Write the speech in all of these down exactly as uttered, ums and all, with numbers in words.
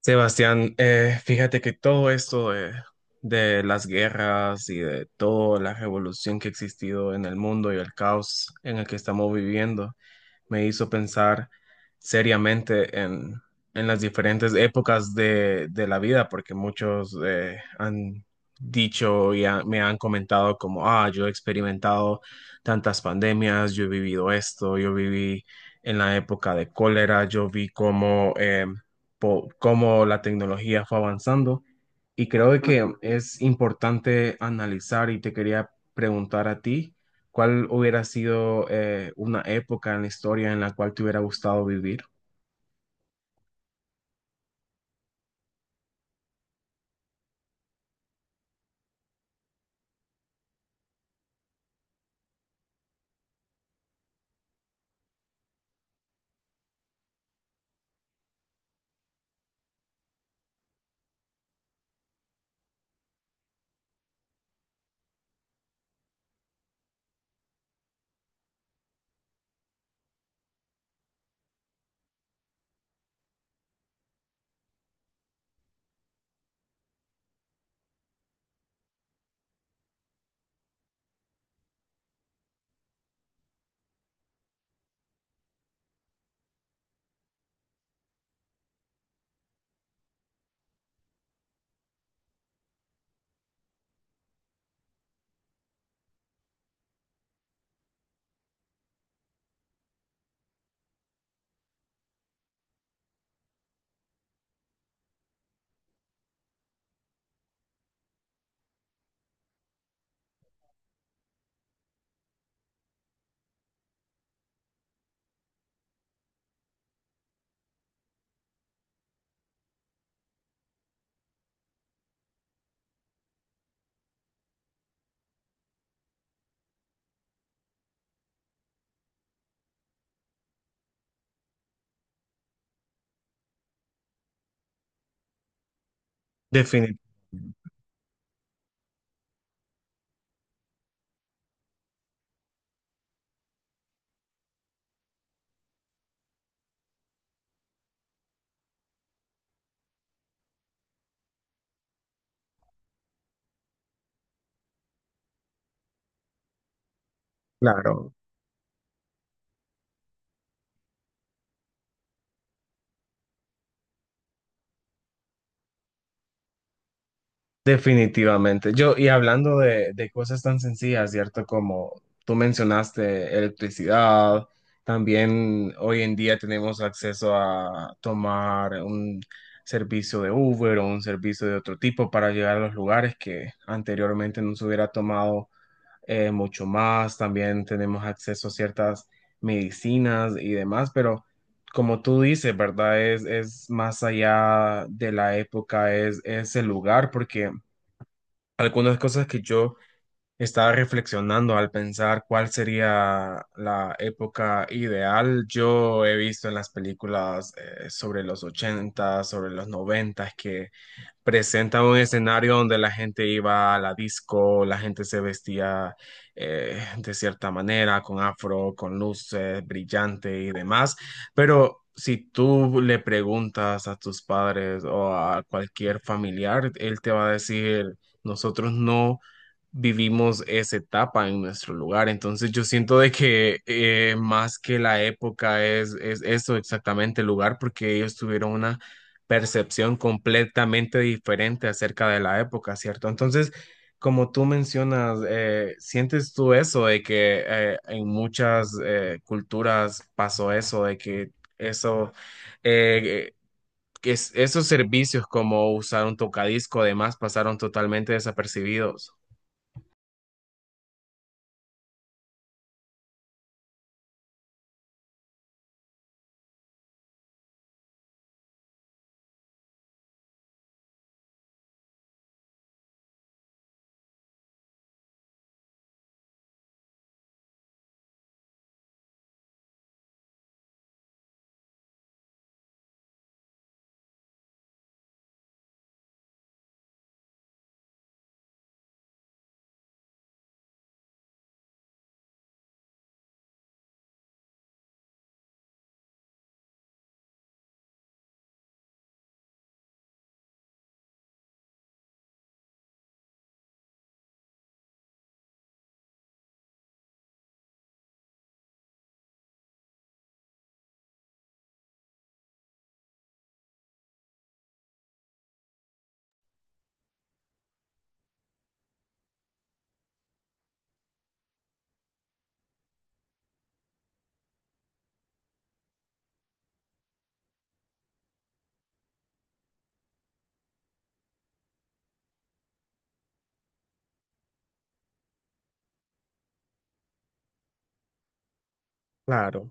Sebastián, eh, fíjate que todo esto de, de las guerras y de toda la revolución que ha existido en el mundo y el caos en el que estamos viviendo, me hizo pensar seriamente en, en las diferentes épocas de, de la vida, porque muchos eh, han dicho y ha- me han comentado como, ah, yo he experimentado tantas pandemias, yo he vivido esto, yo viví en la época de cólera, yo vi cómo, eh, po- cómo la tecnología fue avanzando y creo que es importante analizar y te quería preguntar a ti. ¿Cuál hubiera sido eh, una época en la historia en la cual te hubiera gustado vivir? Definitivamente, claro, definitivamente. Yo, y hablando de, de cosas tan sencillas, ¿cierto? Como tú mencionaste, electricidad, también hoy en día tenemos acceso a tomar un servicio de Uber o un servicio de otro tipo para llegar a los lugares que anteriormente no se hubiera tomado eh, mucho más, también tenemos acceso a ciertas medicinas y demás, pero como tú dices, ¿verdad? Es, es más allá de la época, es, es el lugar, porque algunas cosas que yo estaba reflexionando al pensar cuál sería la época ideal, yo he visto en las películas eh, sobre los ochenta sobre los noventa que presenta un escenario donde la gente iba a la disco, la gente se vestía eh, de cierta manera, con afro, con luces brillante y demás. Pero si tú le preguntas a tus padres o a cualquier familiar, él te va a decir, nosotros no vivimos esa etapa en nuestro lugar. Entonces yo siento de que eh, más que la época es, es eso exactamente el lugar, porque ellos tuvieron una percepción completamente diferente acerca de la época, ¿cierto? Entonces, como tú mencionas, eh, ¿sientes tú eso de que eh, en muchas eh, culturas pasó eso, de que eso, eh, que es- esos servicios como usar un tocadisco, además, pasaron totalmente desapercibidos? Claro.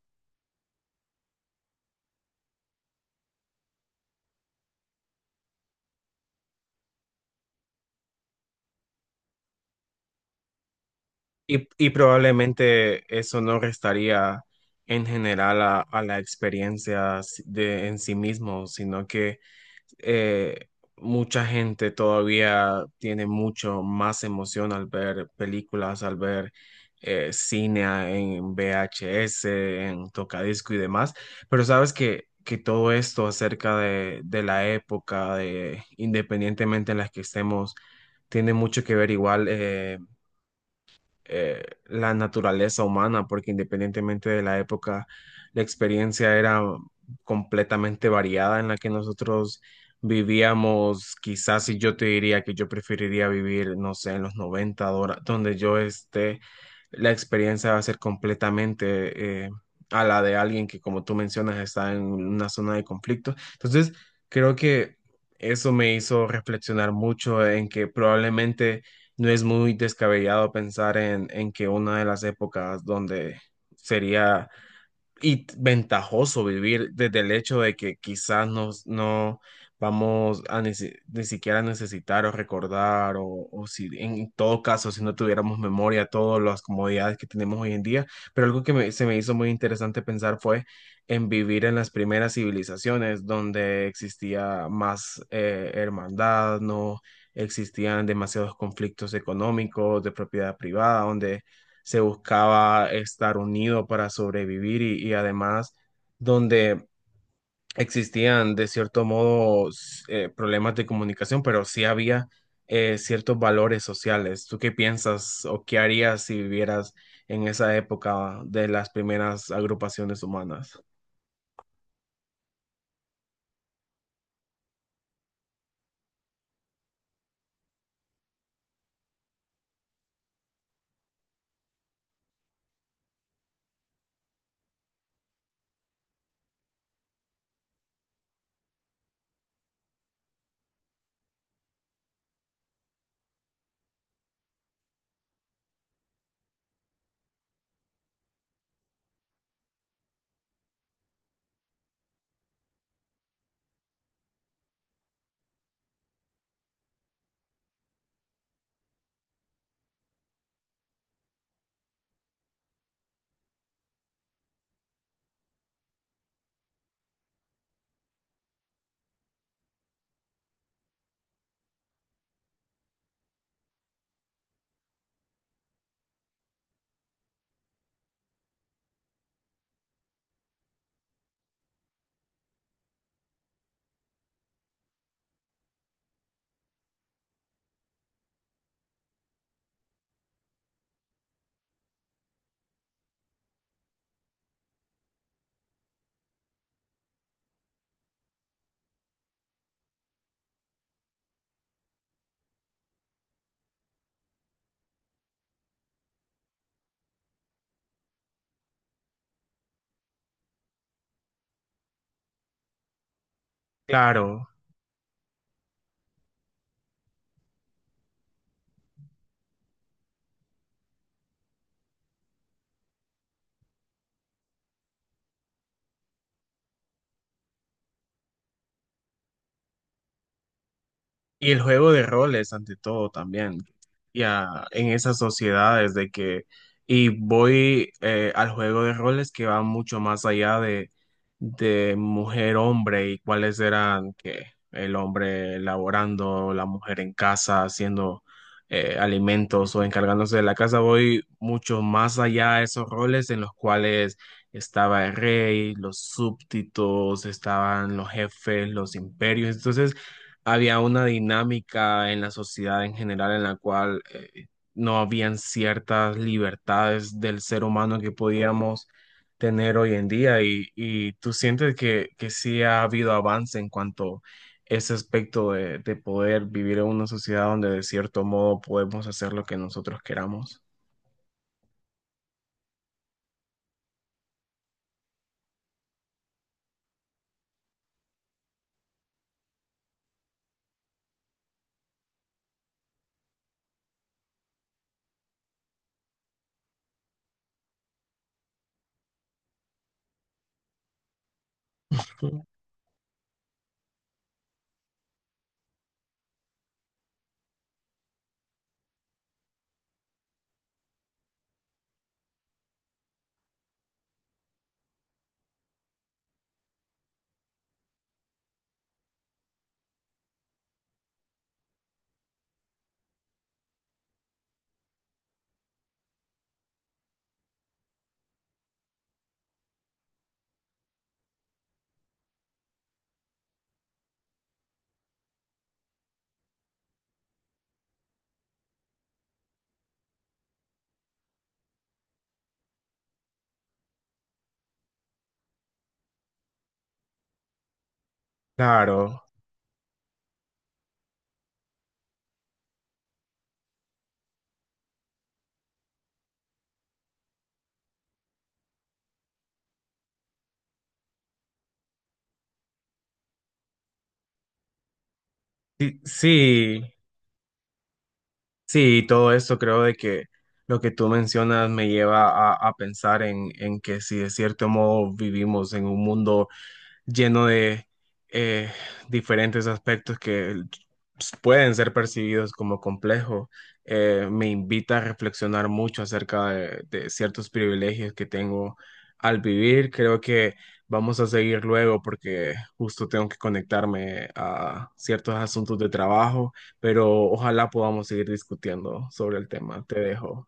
Y, y probablemente eso no restaría en general a, a la experiencia si- de, en sí mismo, sino que eh, mucha gente todavía tiene mucho más emoción al ver películas, al ver eh, cine a- en V H S, en tocadisco y demás. Pero sabes que, que todo esto acerca de, de la época, de, independientemente en la que estemos, tiene mucho que ver igual. Eh, eh, la naturaleza humana, porque independientemente de la época, la experiencia era completamente variada en la que nosotros vivíamos. Quizás si yo te diría que yo preferiría vivir, no sé, en los noventa dora- donde yo esté, la experiencia va a ser completamente eh, a la de alguien que, como tú mencionas, está en una zona de conflicto. Entonces, creo que... Eso me hizo reflexionar mucho en que probablemente no es muy descabellado pensar en, en que una de las épocas donde sería y ventajoso vivir desde el hecho de que quizás nos, no vamos a ni, si- ni siquiera necesitar o recordar o, o si en todo caso si no tuviéramos memoria todas las comodidades que tenemos hoy en día, pero algo que me- se me hizo muy interesante pensar fue en vivir en las primeras civilizaciones donde existía más eh, hermandad, no existían demasiados conflictos económicos de propiedad privada, donde se buscaba estar unido para sobrevivir y, y además donde existían de cierto modo s- eh, problemas de comunicación, pero sí había eh, ciertos valores sociales. ¿Tú qué piensas o qué harías si vivieras en esa época de las primeras agrupaciones humanas? Claro. Y el juego de roles, ante todo, también. Ya en esas sociedades de que, y voy eh, al juego de roles que va mucho más allá de, de mujer-hombre y cuáles eran que el hombre laborando, la mujer en casa, haciendo eh, alimentos o encargándose de la casa. Voy mucho más allá de esos roles en los cuales estaba el rey, los súbditos, estaban los jefes, los imperios. Entonces, había una dinámica en la sociedad en general en la cual eh, no habían ciertas libertades del ser humano que podíamos tener hoy en día y, y tú sientes que, que sí ha habido avance en cuanto a ese aspecto de, de poder vivir en una sociedad donde de cierto modo podemos hacer lo que nosotros queramos. Claro, sí, sí, sí, todo eso creo de que lo que tú mencionas me lleva a, a pensar en, en que si de cierto modo vivimos en un mundo lleno de eh, diferentes aspectos que pueden ser percibidos como complejos, eh, me invita a reflexionar mucho acerca de, de ciertos privilegios que tengo al vivir. Creo que vamos a seguir luego porque justo tengo que conectarme a ciertos asuntos de trabajo, pero ojalá podamos seguir discutiendo sobre el tema. Te dejo.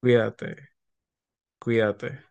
Cuídate, cuídate.